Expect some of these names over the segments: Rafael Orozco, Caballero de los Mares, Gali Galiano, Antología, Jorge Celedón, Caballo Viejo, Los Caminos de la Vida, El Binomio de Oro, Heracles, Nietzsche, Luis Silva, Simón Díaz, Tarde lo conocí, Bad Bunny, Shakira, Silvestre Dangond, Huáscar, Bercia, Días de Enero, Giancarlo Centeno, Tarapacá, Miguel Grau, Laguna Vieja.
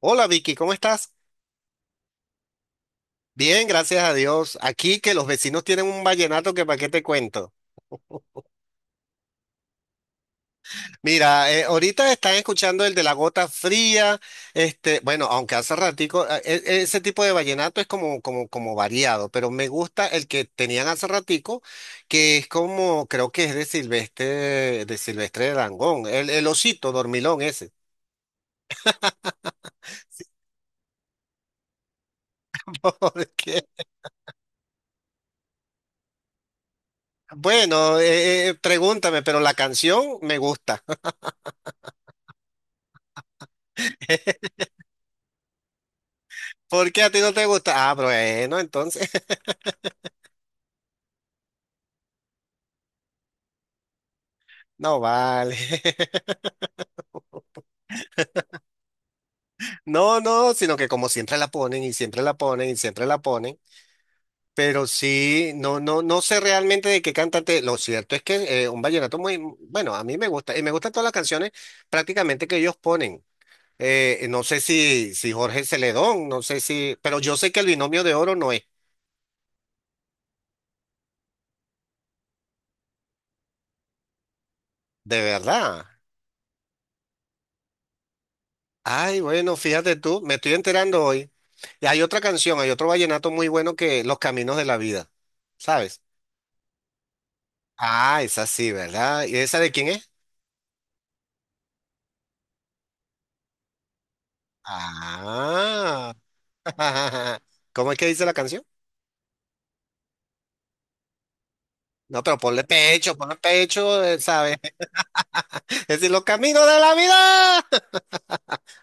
Hola Vicky, ¿cómo estás? Bien, gracias a Dios. Aquí que los vecinos tienen un vallenato que para qué te cuento. Mira, ahorita están escuchando el de la gota fría, este, bueno, aunque hace ratico, ese tipo de vallenato es como variado, pero me gusta el que tenían hace ratico, que es como, creo que es de Silvestre Dangond, el osito dormilón ese. Porque, bueno, pregúntame, pero la canción me gusta. ¿Por qué a ti no te gusta? Ah, bueno, entonces, no vale. No, no, sino que como siempre la ponen y siempre la ponen y siempre la ponen. Pero sí, no sé realmente de qué cantante. Lo cierto es que un vallenato muy, bueno, a mí me gusta y me gustan todas las canciones prácticamente que ellos ponen. No sé si Jorge Celedón, no sé si, pero yo sé que el binomio de oro no es, de verdad. Ay, bueno, fíjate tú, me estoy enterando hoy. Y hay otra canción, hay otro vallenato muy bueno que Los Caminos de la Vida, ¿sabes? Ah, esa sí, ¿verdad? ¿Y esa de quién es? Ah. ¿Cómo es que dice la canción? No, pero ponle pecho, ¿sabes? Es decir, los caminos de la vida.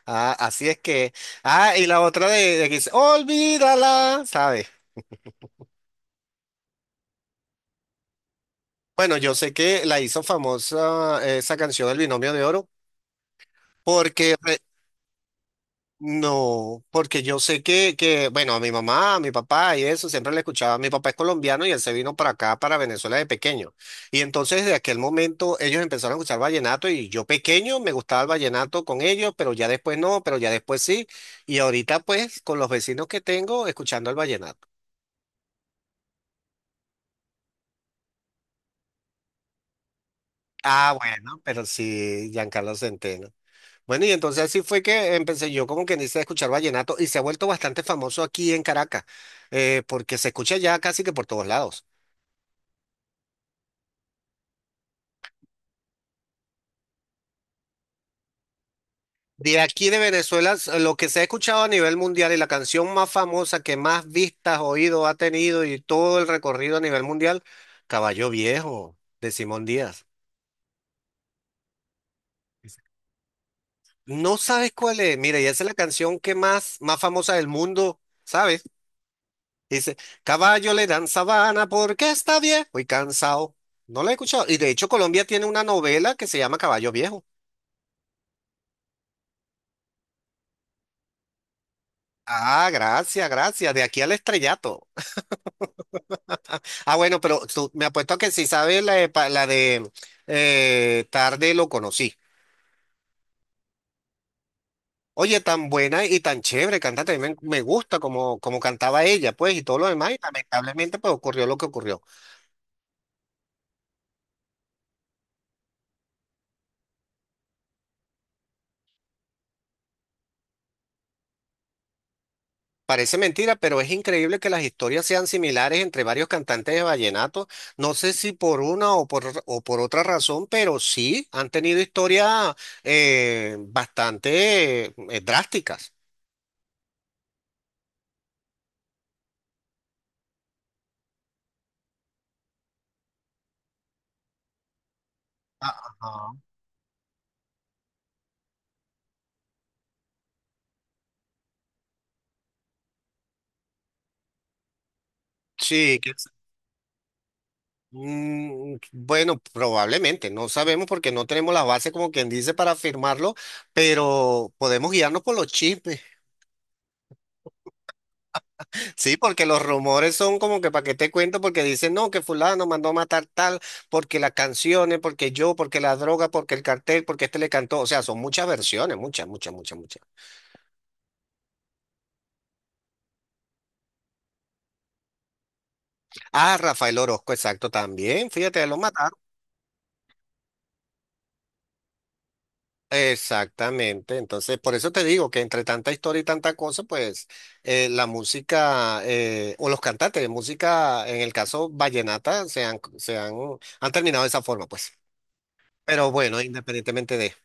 Ah, así es que. Ah, y la otra de que dice, olvídala, ¿sabes? Bueno, yo sé que la hizo famosa esa canción El Binomio de Oro, porque no, porque yo sé bueno, a mi mamá, a mi papá y eso, siempre le escuchaba. Mi papá es colombiano y él se vino para acá, para Venezuela de pequeño. Y entonces, de aquel momento, ellos empezaron a escuchar vallenato y yo pequeño me gustaba el vallenato con ellos, pero ya después no, pero ya después sí. Y ahorita, pues, con los vecinos que tengo, escuchando el vallenato. Ah, bueno, pero sí, Giancarlo Centeno. Bueno, y entonces así fue que empecé yo como que dice a escuchar vallenato y se ha vuelto bastante famoso aquí en Caracas, porque se escucha ya casi que por todos lados. De aquí de Venezuela, lo que se ha escuchado a nivel mundial y la canción más famosa que más vistas, oídos ha tenido y todo el recorrido a nivel mundial, Caballo Viejo, de Simón Díaz. No sabes cuál es. Mira, y esa es la canción que más famosa del mundo, ¿sabes? Dice, caballo le dan sabana porque está viejo y cansado. No la he escuchado. Y de hecho, Colombia tiene una novela que se llama Caballo Viejo. Ah, gracias, gracias. De aquí al estrellato. Ah, bueno, pero me apuesto a que sí sabes la de, la de Tarde lo conocí. Oye, tan buena y tan chévere cantante, a mí me gusta como, como cantaba ella, pues, y todo lo demás, y lamentablemente, pues, ocurrió lo que ocurrió. Parece mentira, pero es increíble que las historias sean similares entre varios cantantes de vallenato. No sé si por una o o por otra razón, pero sí han tenido historias bastante drásticas. Ah, ajá. Sí, bueno, probablemente, no sabemos porque no tenemos la base como quien dice para afirmarlo, pero podemos guiarnos por los chismes. Sí, porque los rumores son como que para qué te cuento, porque dicen, no, que fulano mandó a matar tal, porque las canciones, porque yo, porque la droga, porque el cartel, porque este le cantó. O sea, son muchas versiones, muchas, muchas, muchas, muchas. Ah, Rafael Orozco, exacto, también, fíjate, lo mataron. Exactamente, entonces por eso te digo que entre tanta historia y tanta cosa, pues la música o los cantantes de música, en el caso vallenata, han terminado de esa forma, pues. Pero bueno, independientemente de...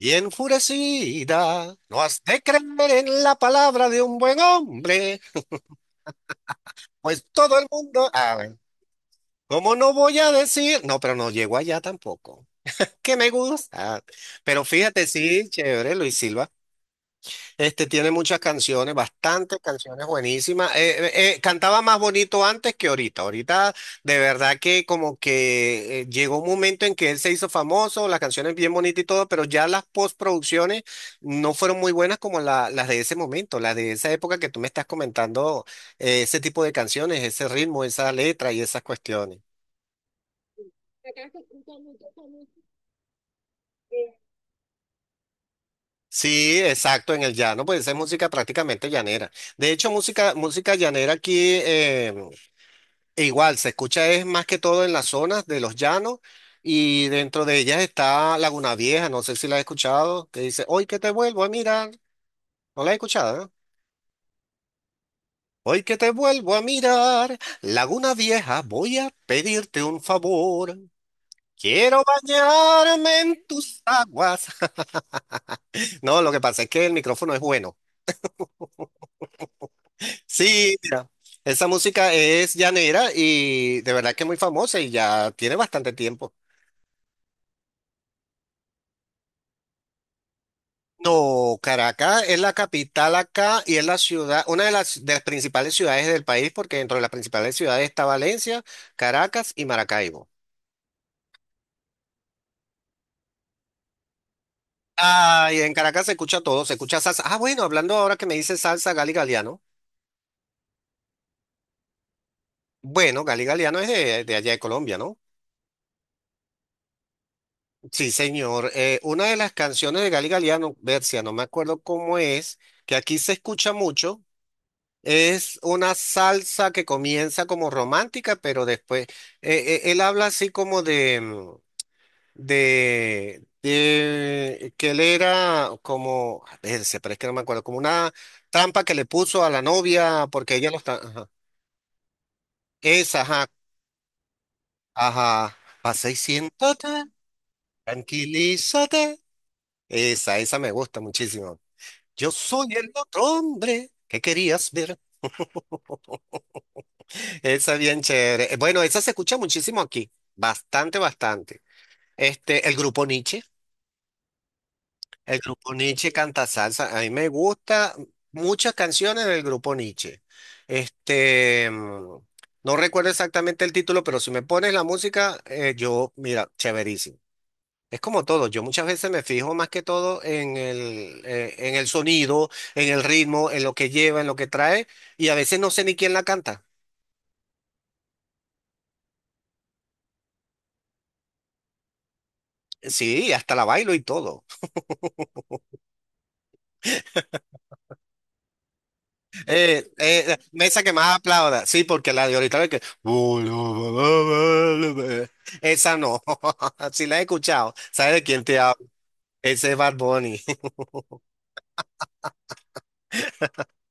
Y enfurecida, no has de creer en la palabra de un buen hombre, pues todo el mundo... A ver, ¿cómo no voy a decir? No, pero no llego allá tampoco. Que me gusta. Pero fíjate, sí, chévere, Luis Silva. Este tiene muchas canciones, bastantes canciones buenísimas. Cantaba más bonito antes que ahorita. Ahorita de verdad que como que llegó un momento en que él se hizo famoso, las canciones bien bonitas y todo, pero ya las postproducciones no fueron muy buenas como las de ese momento, las de esa época que tú me estás comentando, ese tipo de canciones, ese ritmo, esa letra y esas cuestiones. Sí, exacto, en el llano, pues esa es música prácticamente llanera. De hecho, música llanera aquí, e igual, se escucha es más que todo en las zonas de los llanos y dentro de ellas está Laguna Vieja, no sé si la has escuchado, que dice, hoy que te vuelvo a mirar, no la he escuchado, ¿eh? Hoy que te vuelvo a mirar, Laguna Vieja, voy a pedirte un favor, quiero bañarme en tus aguas. No, lo que pasa es que el micrófono es bueno. Sí, mira, esa música es llanera y de verdad que es muy famosa y ya tiene bastante tiempo. No, Caracas es la capital acá y es la ciudad, una de de las principales ciudades del país, porque dentro de las principales ciudades está Valencia, Caracas y Maracaibo. Ah, y en Caracas se escucha todo, se escucha salsa. Ah, bueno, hablando ahora que me dice salsa, Gali Galiano. Bueno, Gali Galiano es de allá de Colombia, ¿no? Sí, señor. Una de las canciones de Gali Galiano, Bercia, no me acuerdo cómo es, que aquí se escucha mucho. Es una salsa que comienza como romántica, pero después él habla así como de de que él era como, se pero es que no me acuerdo, como una trampa que le puso a la novia porque ella lo está, ajá. Esa, ajá, ajá, pasa y siéntate, tranquilízate. Esa me gusta muchísimo. Yo soy el otro hombre que querías ver. Esa es bien chévere. Bueno, esa se escucha muchísimo aquí. Bastante, bastante. Este, el grupo Nietzsche. El grupo Nietzsche canta salsa. A mí me gusta muchas canciones del grupo Nietzsche. Este, no recuerdo exactamente el título, pero si me pones la música, yo, mira, chéverísimo. Es como todo, yo muchas veces me fijo más que todo en el sonido, en el ritmo, en lo que lleva, en lo que trae, y a veces no sé ni quién la canta. Sí, hasta la bailo y todo. Mesa que más aplauda. Sí, porque la de ahorita ve que. Esa no. Si la he escuchado, ¿sabes de quién te hablo? Ese es Bad Bunny.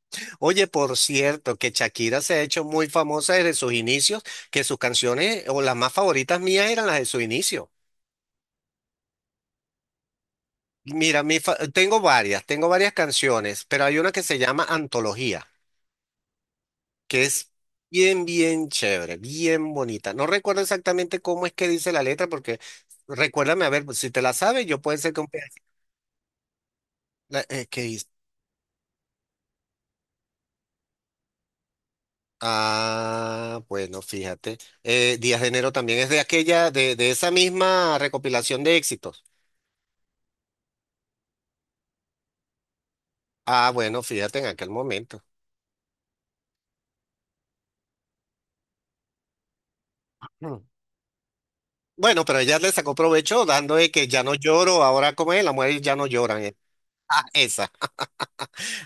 Oye, por cierto, que Shakira se ha hecho muy famosa desde sus inicios, que sus canciones o las más favoritas mías eran las de su inicio. Mira, tengo varias canciones, pero hay una que se llama Antología. Que es bien, bien chévere, bien bonita. No recuerdo exactamente cómo es que dice la letra, porque recuérdame, a ver, pues, si te la sabes, yo puede ser que un que dice- Ah, bueno, fíjate. Días de Enero también es de aquella, de esa misma recopilación de éxitos. Ah, bueno, fíjate en aquel momento. Mm. Bueno, pero ella le sacó provecho dando de que ya no lloro, ahora como es, las mujeres ya no lloran. Eh. Ah, esa.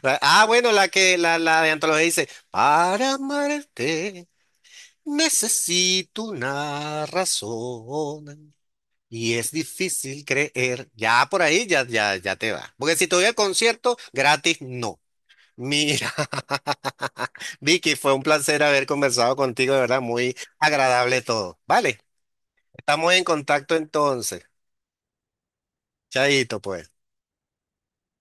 Ah, bueno, la que la de antología dice, para amarte. Necesito una razón y es difícil creer. Ya por ahí ya, ya, ya te va. Porque si te voy al concierto gratis, no. Mira, Vicky, fue un placer haber conversado contigo, de verdad, muy agradable todo. Vale, estamos en contacto entonces. Chaito, pues.